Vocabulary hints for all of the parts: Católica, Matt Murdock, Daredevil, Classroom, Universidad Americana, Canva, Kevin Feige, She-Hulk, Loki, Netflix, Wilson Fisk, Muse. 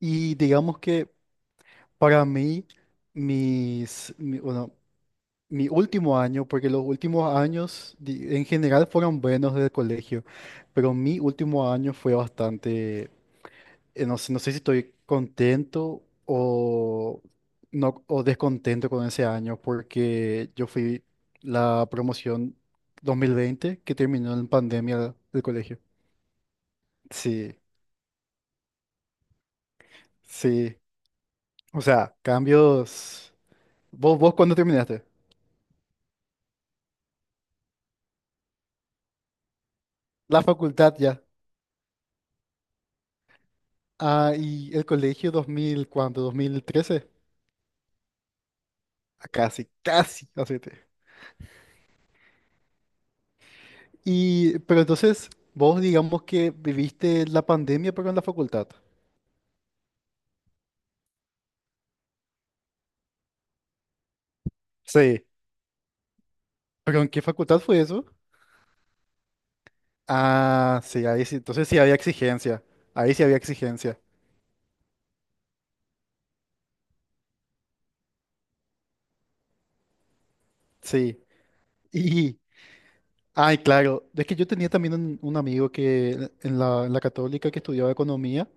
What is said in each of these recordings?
Y digamos que para mí, mis, mi- bueno, mi último año, porque los últimos años en general fueron buenos desde el colegio, pero mi último año fue bastante, no sé, no sé si estoy contento o, no, o descontento con ese año, porque yo fui la promoción 2020 que terminó en pandemia del colegio. Sí, sí. O sea, cambios. ¿Vos cuándo terminaste? La facultad ya. Ah, ¿y el colegio 2000, cuánto? ¿2013? Ah, casi, casi, hacete. Y pero entonces, vos digamos que viviste la pandemia, pero en la facultad. Sí. ¿Pero en qué facultad fue eso? Ah, sí, ahí sí. Entonces sí había exigencia. Ahí sí había exigencia. Sí. Y, ay, claro. Es que yo tenía también un amigo que en la Católica que estudiaba economía.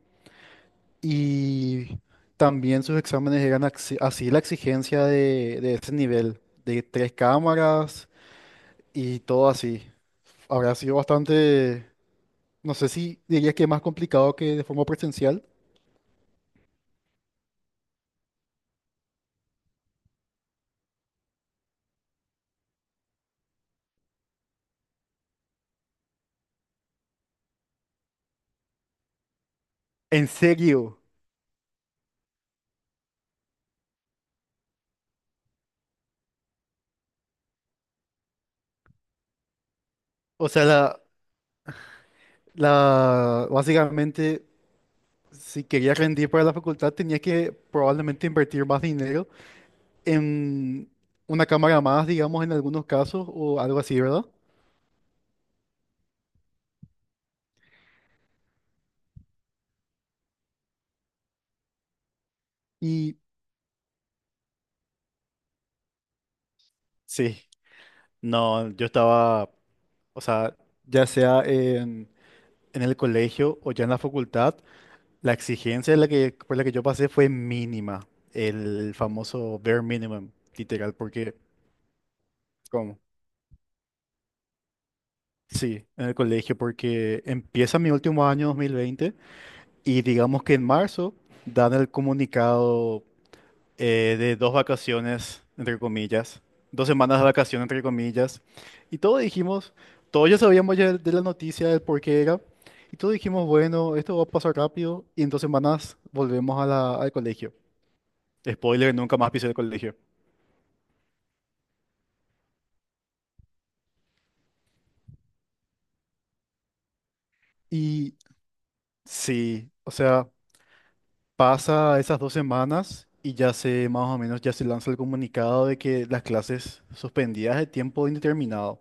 Y también sus exámenes eran así la exigencia de ese nivel, de tres cámaras y todo así. Habrá sido bastante, no sé si dirías que más complicado que de forma presencial. ¿En serio? O sea, básicamente, si quería rendir para la facultad, tenía que probablemente invertir más dinero en una cámara más, digamos, en algunos casos o algo así, ¿verdad? Y sí, no, yo estaba, o sea, ya sea en el colegio o ya en la facultad, la exigencia de la que, por la que yo pasé fue mínima, el famoso bare minimum, literal, porque, ¿cómo? Sí, en el colegio, porque empieza mi último año 2020. Y digamos que en marzo dan el comunicado, de dos vacaciones, entre comillas, dos semanas de vacaciones, entre comillas. Y todos dijimos, todos ya sabíamos ya de la noticia, del por qué era. Y todos dijimos, bueno, esto va a pasar rápido y en dos semanas volvemos a al colegio. Spoiler, nunca más pisé el colegio. Y sí, o sea, pasa esas dos semanas y ya se, más o menos, ya se lanza el comunicado de que las clases suspendidas de tiempo indeterminado.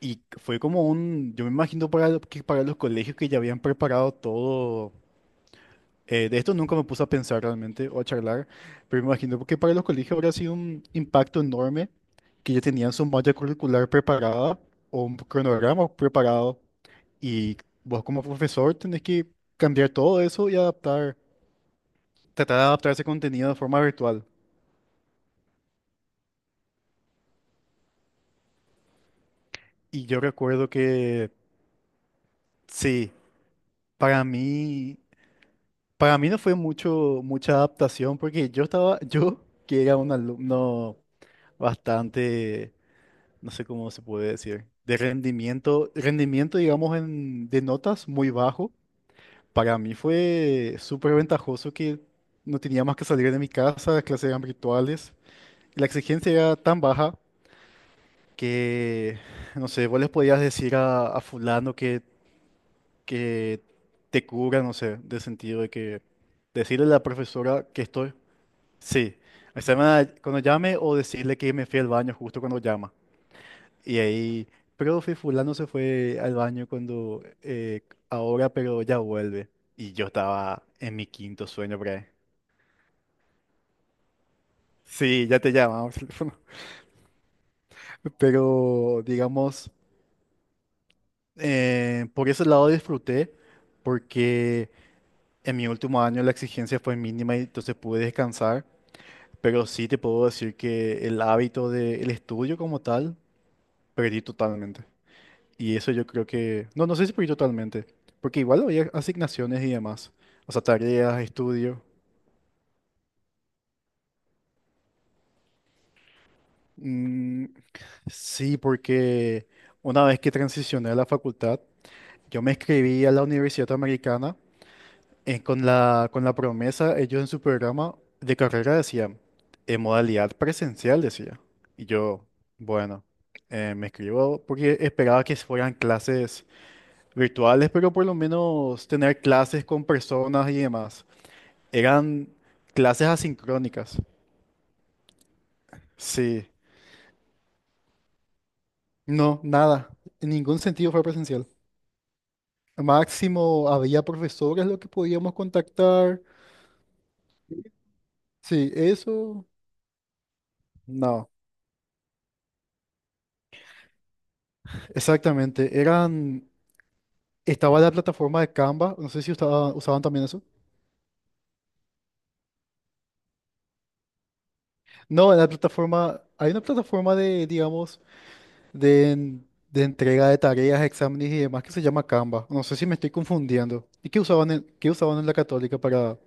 Y fue como un, yo me imagino para, que para los colegios que ya habían preparado todo, de esto nunca me puse a pensar realmente o a charlar, pero me imagino que para los colegios habría sido un impacto enorme que ya tenían su malla curricular preparada o un cronograma preparado, y vos como profesor tenés que cambiar todo eso y adaptar, tratar de adaptar ese contenido de forma virtual. Y yo recuerdo que sí, para mí... Para mí no fue mucho, mucha adaptación porque yo estaba, yo que era un alumno bastante, no sé cómo se puede decir, de rendimiento, rendimiento digamos en, de notas muy bajo. Para mí fue súper ventajoso que no tenía más que salir de mi casa, las clases eran virtuales. La exigencia era tan baja que, no sé, vos les podías decir a fulano que te cura, no sé, de sentido de que decirle a la profesora que estoy. Sí, o sea, cuando llame o decirle que me fui al baño justo cuando llama. Y ahí, profe, fulano se fue al baño cuando ahora, pero ya vuelve. Y yo estaba en mi quinto sueño por ahí. Sí, ya te llamaba por teléfono. Pero, digamos, por ese lado disfruté, porque en mi último año la exigencia fue mínima y entonces pude descansar. Pero sí te puedo decir que el hábito del estudio como tal, perdí totalmente. Y eso yo creo que, no, no sé si por ir totalmente, porque igual había asignaciones y demás, o sea, tareas, estudio. Mm, sí, porque una vez que transicioné a la facultad, yo me inscribí a la Universidad Americana, con la promesa, ellos en su programa de carrera decían, en modalidad presencial, decía. Y yo, bueno, me escribo porque esperaba que fueran clases virtuales, pero por lo menos tener clases con personas y demás. Eran clases asincrónicas. Sí. No, nada. En ningún sentido fue presencial. Máximo había profesores lo que podíamos contactar. Sí, eso. No. Exactamente. Eran. Estaba la plataforma de Canva. No sé si usaban también eso. No, la plataforma. Hay una plataforma de, digamos, de, de entrega de tareas, exámenes y demás que se llama Canva. No sé si me estoy confundiendo. ¿Y qué usaban en la Católica para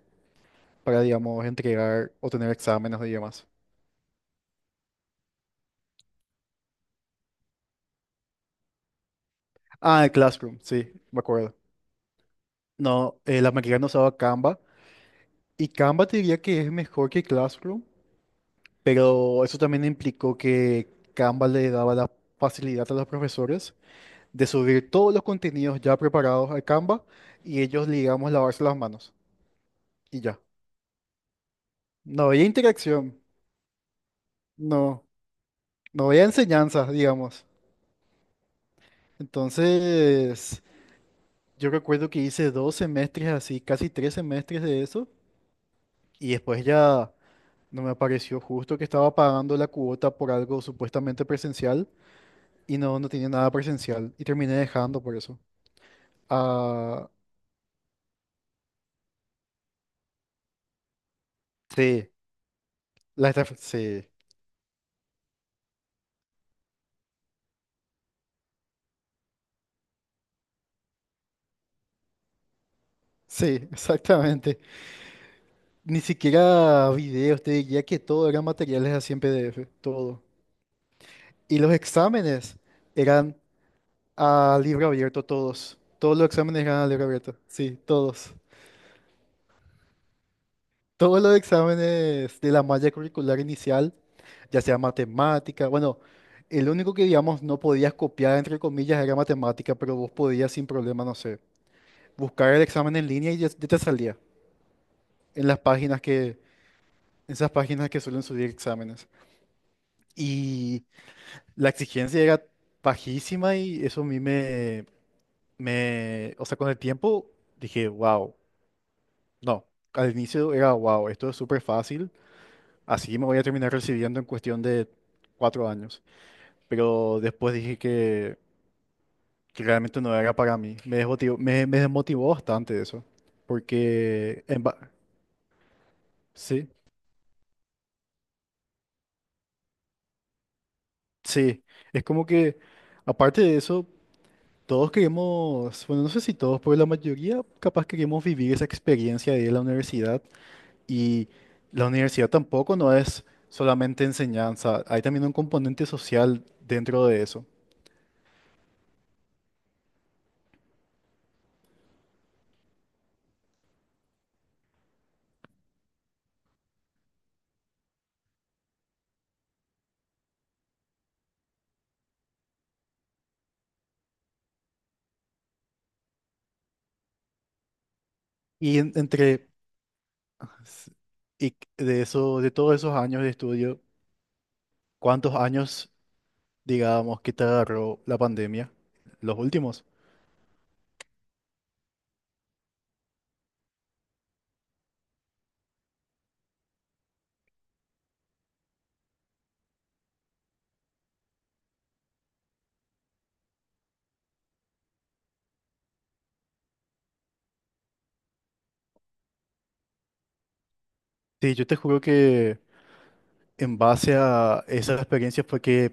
para, digamos, entregar o tener exámenes y demás? Ah, el Classroom, sí, me acuerdo. No, la maquinaria usaba Canva y Canva te diría que es mejor que Classroom, pero eso también implicó que Canva le daba la facilidad a los profesores de subir todos los contenidos ya preparados al Canva y ellos, digamos, lavarse las manos y ya. No había interacción, no, no había enseñanza, digamos. Entonces, yo recuerdo que hice dos semestres así, casi tres semestres de eso. Y después ya no me apareció justo que estaba pagando la cuota por algo supuestamente presencial y no, no tenía nada presencial. Y terminé dejando por eso. Ah, sí, sí, sí, exactamente. Ni siquiera videos, te diría que todo eran materiales así en PDF, todo. Y los exámenes eran a libro abierto todos. Todos los exámenes eran a libro abierto, sí, todos. Todos los exámenes de la malla curricular inicial, ya sea matemática, bueno, el único que, digamos, no podías copiar, entre comillas, era matemática, pero vos podías sin problema, no sé, buscar el examen en línea y ya, ya te salía en las páginas que, esas páginas que suelen subir exámenes. Y la exigencia era bajísima y eso a mí o sea, con el tiempo dije, wow, no, al inicio era wow, esto es súper fácil. Así me voy a terminar recibiendo en cuestión de cuatro años. Pero después dije que realmente no era para mí. Me desmotivó, me desmotivó bastante eso. Porque, sí, sí. Es como que, aparte de eso, todos queremos, bueno, no sé si todos, pero la mayoría capaz queremos vivir esa experiencia de ir a la universidad. Y la universidad tampoco no es solamente enseñanza. Hay también un componente social dentro de eso. Y entre S- y de eso, de todos esos años de estudio, ¿cuántos años, digamos, que te agarró la pandemia? Los últimos. Sí, yo te juro que en base a esa experiencia fue que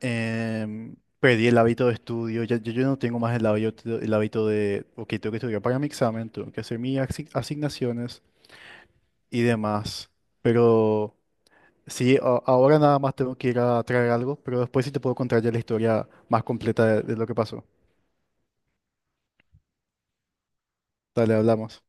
em, perdí el hábito de estudio. Ya, yo no tengo más el hábito de, ok, tengo que estudiar para mi examen, tengo que hacer mis asignaciones y demás. Pero sí, ahora nada más tengo que ir a traer algo, pero después sí te puedo contar ya la historia más completa de lo que pasó. Dale, hablamos.